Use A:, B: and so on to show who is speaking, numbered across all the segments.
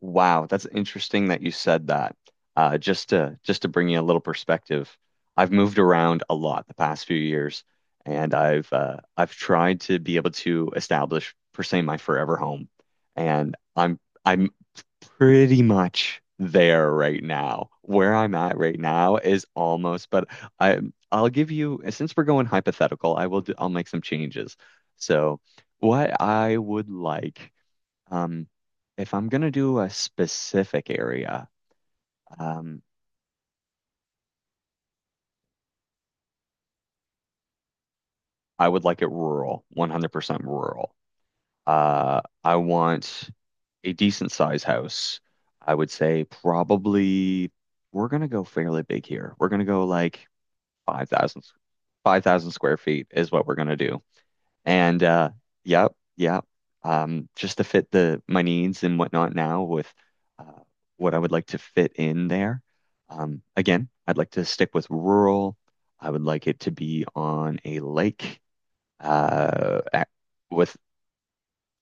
A: Wow, that's interesting that you said that. Just to bring you a little perspective, I've moved around a lot the past few years, and I've tried to be able to establish per se my forever home, and I'm pretty much there right now. Where I'm at right now is almost, but I I'll give you, since we're going hypothetical, I'll make some changes. So. What I would like, um, if I'm gonna do a specific area, um, I would like it rural, 100% rural. I want a decent size house. I would say probably we're gonna go fairly big here. We're gonna go like five thousand, 5,000 square feet is what we're gonna do. And yep, yep. Just to fit the my needs and whatnot, now with uh what I would like to fit in there. Again, I'd like to stick with rural. I would like it to be on a lake, uh ac- with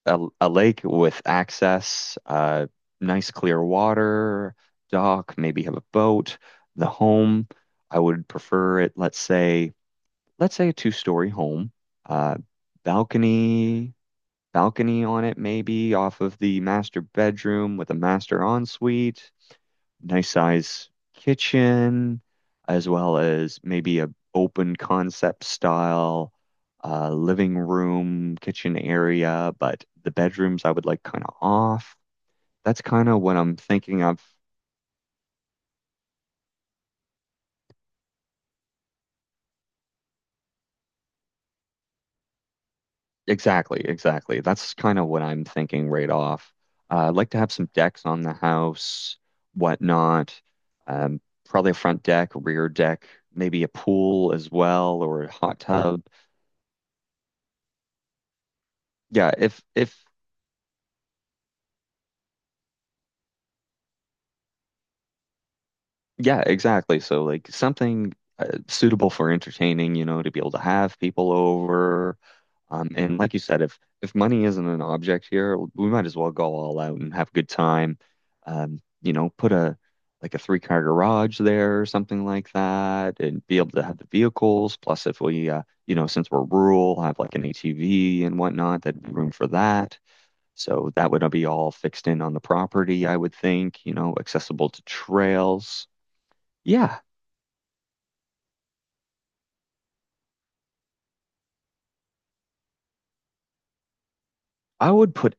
A: a lake with access, nice clear water, dock, maybe have a boat, the home. I would prefer it, let's say a two-story home. Uh balcony balcony on it, maybe off of the master bedroom with a master ensuite, nice size kitchen, as well as maybe a open concept style, living room, kitchen area, but the bedrooms I would like kind of off. That's kind of what I'm thinking of. Exactly, exactly. That's kind of what I'm thinking right off. I'd like to have some decks on the house, whatnot. Probably a front deck, rear deck, maybe a pool as well, or a hot tub. Yeah, if yeah, exactly. So like something suitable for entertaining, you know, to be able to have people over. And like you said, if money isn't an object here, we might as well go all out and have a good time. You know, put a like a three car garage there or something like that, and be able to have the vehicles. Plus, if we, you know, since we're rural, have like an ATV and whatnot, that'd be room for that. So that would be all fixed in on the property, I would think. You know, accessible to trails. Yeah, I would put.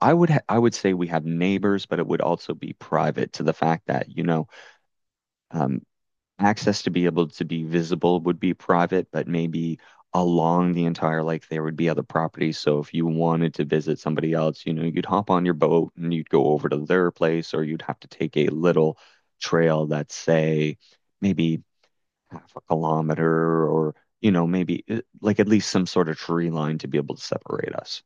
A: I would. Ha I would say we have neighbors, but it would also be private, to the fact that, you know. Um, Access to be able to be visible would be private, but maybe along the entire lake there would be other properties. So if you wanted to visit somebody else, you know, you'd hop on your boat and you'd go over to their place, or you'd have to take a little trail that's, say, maybe half a kilometer, or, you know, maybe like at least some sort of tree line to be able to separate us.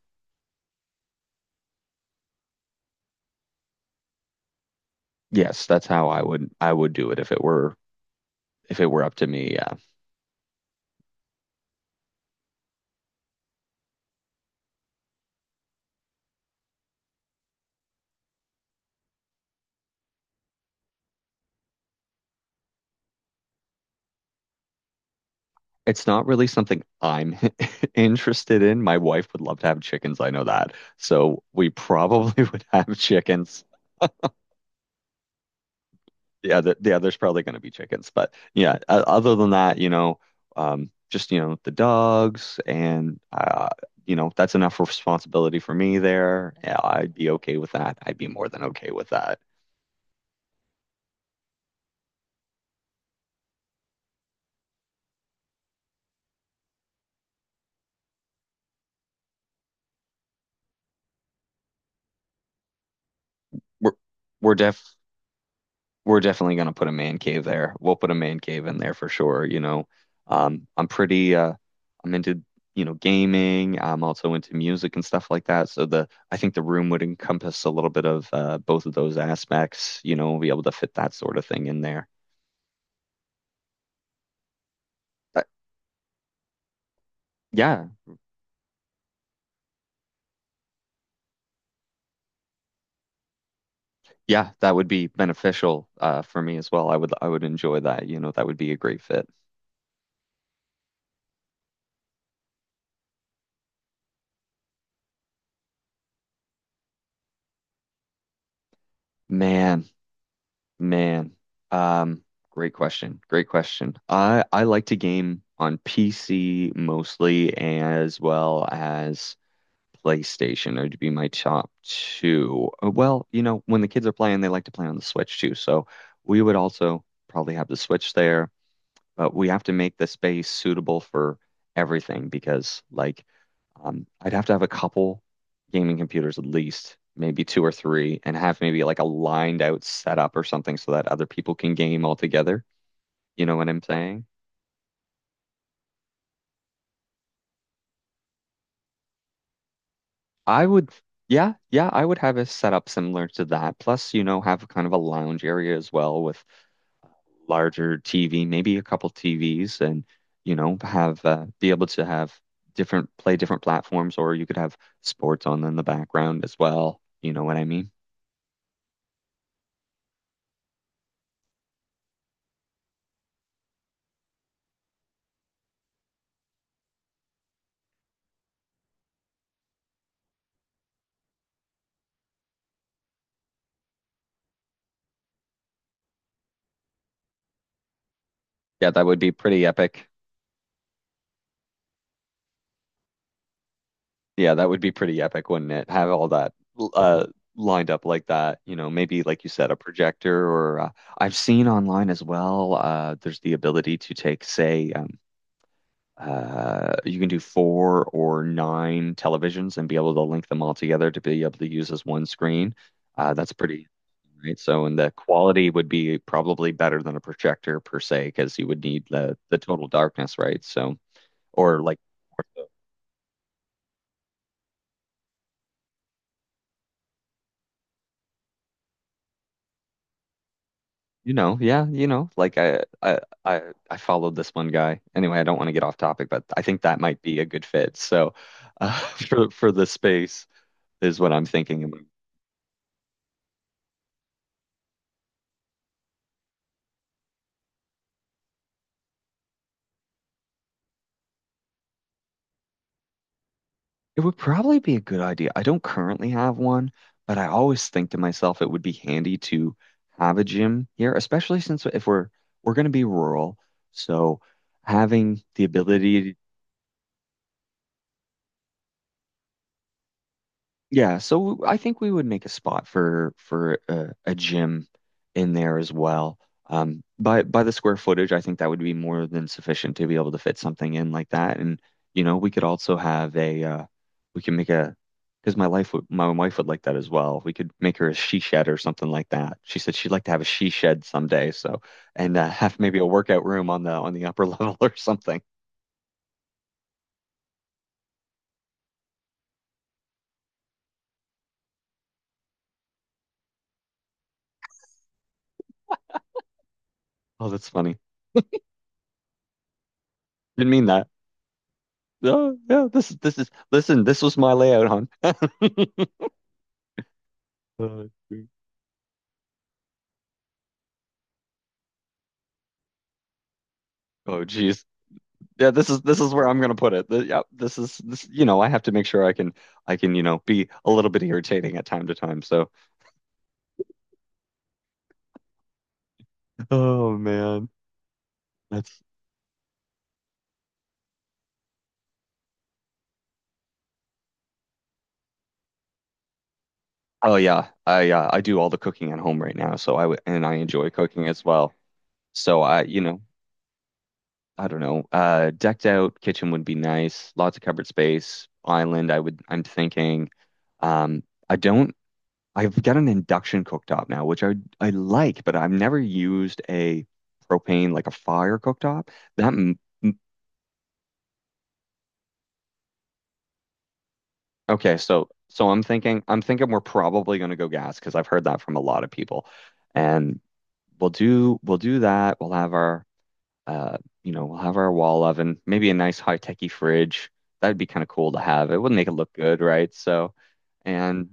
A: Yes, that's how I would do it if it were up to me. Yeah. It's not really something I'm interested in. My wife would love to have chickens, I know that. So we probably would have chickens. The other's probably going to be chickens, but yeah. Other than that, you know, just, you know, the dogs and you know, that's enough responsibility for me there. Yeah, I'd be okay with that. I'd be more than okay with that. We're we're def we're definitely gonna put a man cave there. We'll put a man cave in there for sure, you know. I'm pretty I'm into, you know, gaming. I'm also into music and stuff like that. So the I think the room would encompass a little bit of both of those aspects, you know, be able to fit that sort of thing in there. But yeah, yeah, that would be beneficial for me as well. I would enjoy that, you know, that would be a great fit. Man. Man, um, great question. Great question. I like to game on PC mostly, as well as PlayStation. Those would be my top two. Well, you know, when the kids are playing, they like to play on the Switch too. So we would also probably have the Switch there, but we have to make the space suitable for everything, because like, I'd have to have a couple gaming computers at least, maybe two or three, and have maybe like a lined out setup or something so that other people can game all together. You know what I'm saying? I would, yeah, yeah, I would have a setup similar to that. Plus, you know, have kind of a lounge area as well with larger TV, maybe a couple TVs, and you know, have be able to have different play different platforms, or you could have sports on in the background as well. You know what I mean? Yeah, that would be pretty epic. Yeah, that would be pretty epic, wouldn't it? Have all that uh lined up like that, you know, maybe like you said, a projector, or I've seen online as well, there's the ability to take, say, you can do four or nine televisions and be able to link them all together to be able to use as one screen. That's pretty right. So, and the quality would be probably better than a projector per se, because you would need the total darkness, right? So or like You know, yeah, I, I followed this one guy. Anyway, I don't want to get off topic, but I think that might be a good fit. So, uh, for the space is what I'm thinking about. It would probably be a good idea. I don't currently have one, but I always think to myself it would be handy to have a gym here, especially since if we're going to be rural, so having the ability. Yeah, so I think we would make a spot for a gym in there as well. By by the square footage, I think that would be more than sufficient to be able to fit something in like that. And you know, we could also have a we can make a, because my wife would like that as well. We could make her a she shed or something like that. She said she'd like to have a she shed someday. So, and have maybe a workout room on the upper level or something. Oh, that's funny. Didn't mean that. Oh, yeah, this is, listen. This was my layout, hon. Uh, oh geez. Yeah, this is where I'm gonna put it. Yeah, you know, I have to make sure I can, you know, be a little bit irritating at time to time. So, oh man, that's. Oh yeah, I do all the cooking at home right now, so I would, and I enjoy cooking as well. So I, you know, I don't know. Decked out kitchen would be nice. Lots of cupboard space. Island, I'm thinking. Um, I don't I've got an induction cooktop now, which I like, but I've never used a propane, like a fire cooktop. That m m- okay, so I'm thinking, we're probably going to go gas because I've heard that from a lot of people. And we'll do that. We'll have our uh you know, we'll have our wall oven, maybe a nice high-techy fridge. That'd be kind of cool to have. It would make it look good, right? So, and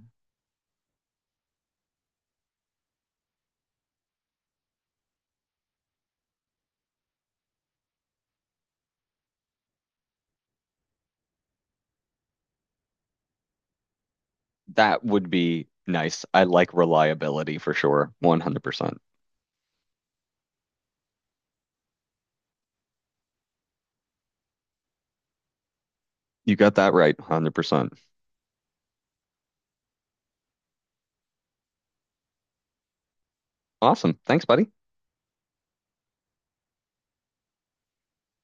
A: that would be nice. I like reliability for sure. 100%. You got that right. 100%. Awesome. Thanks, buddy.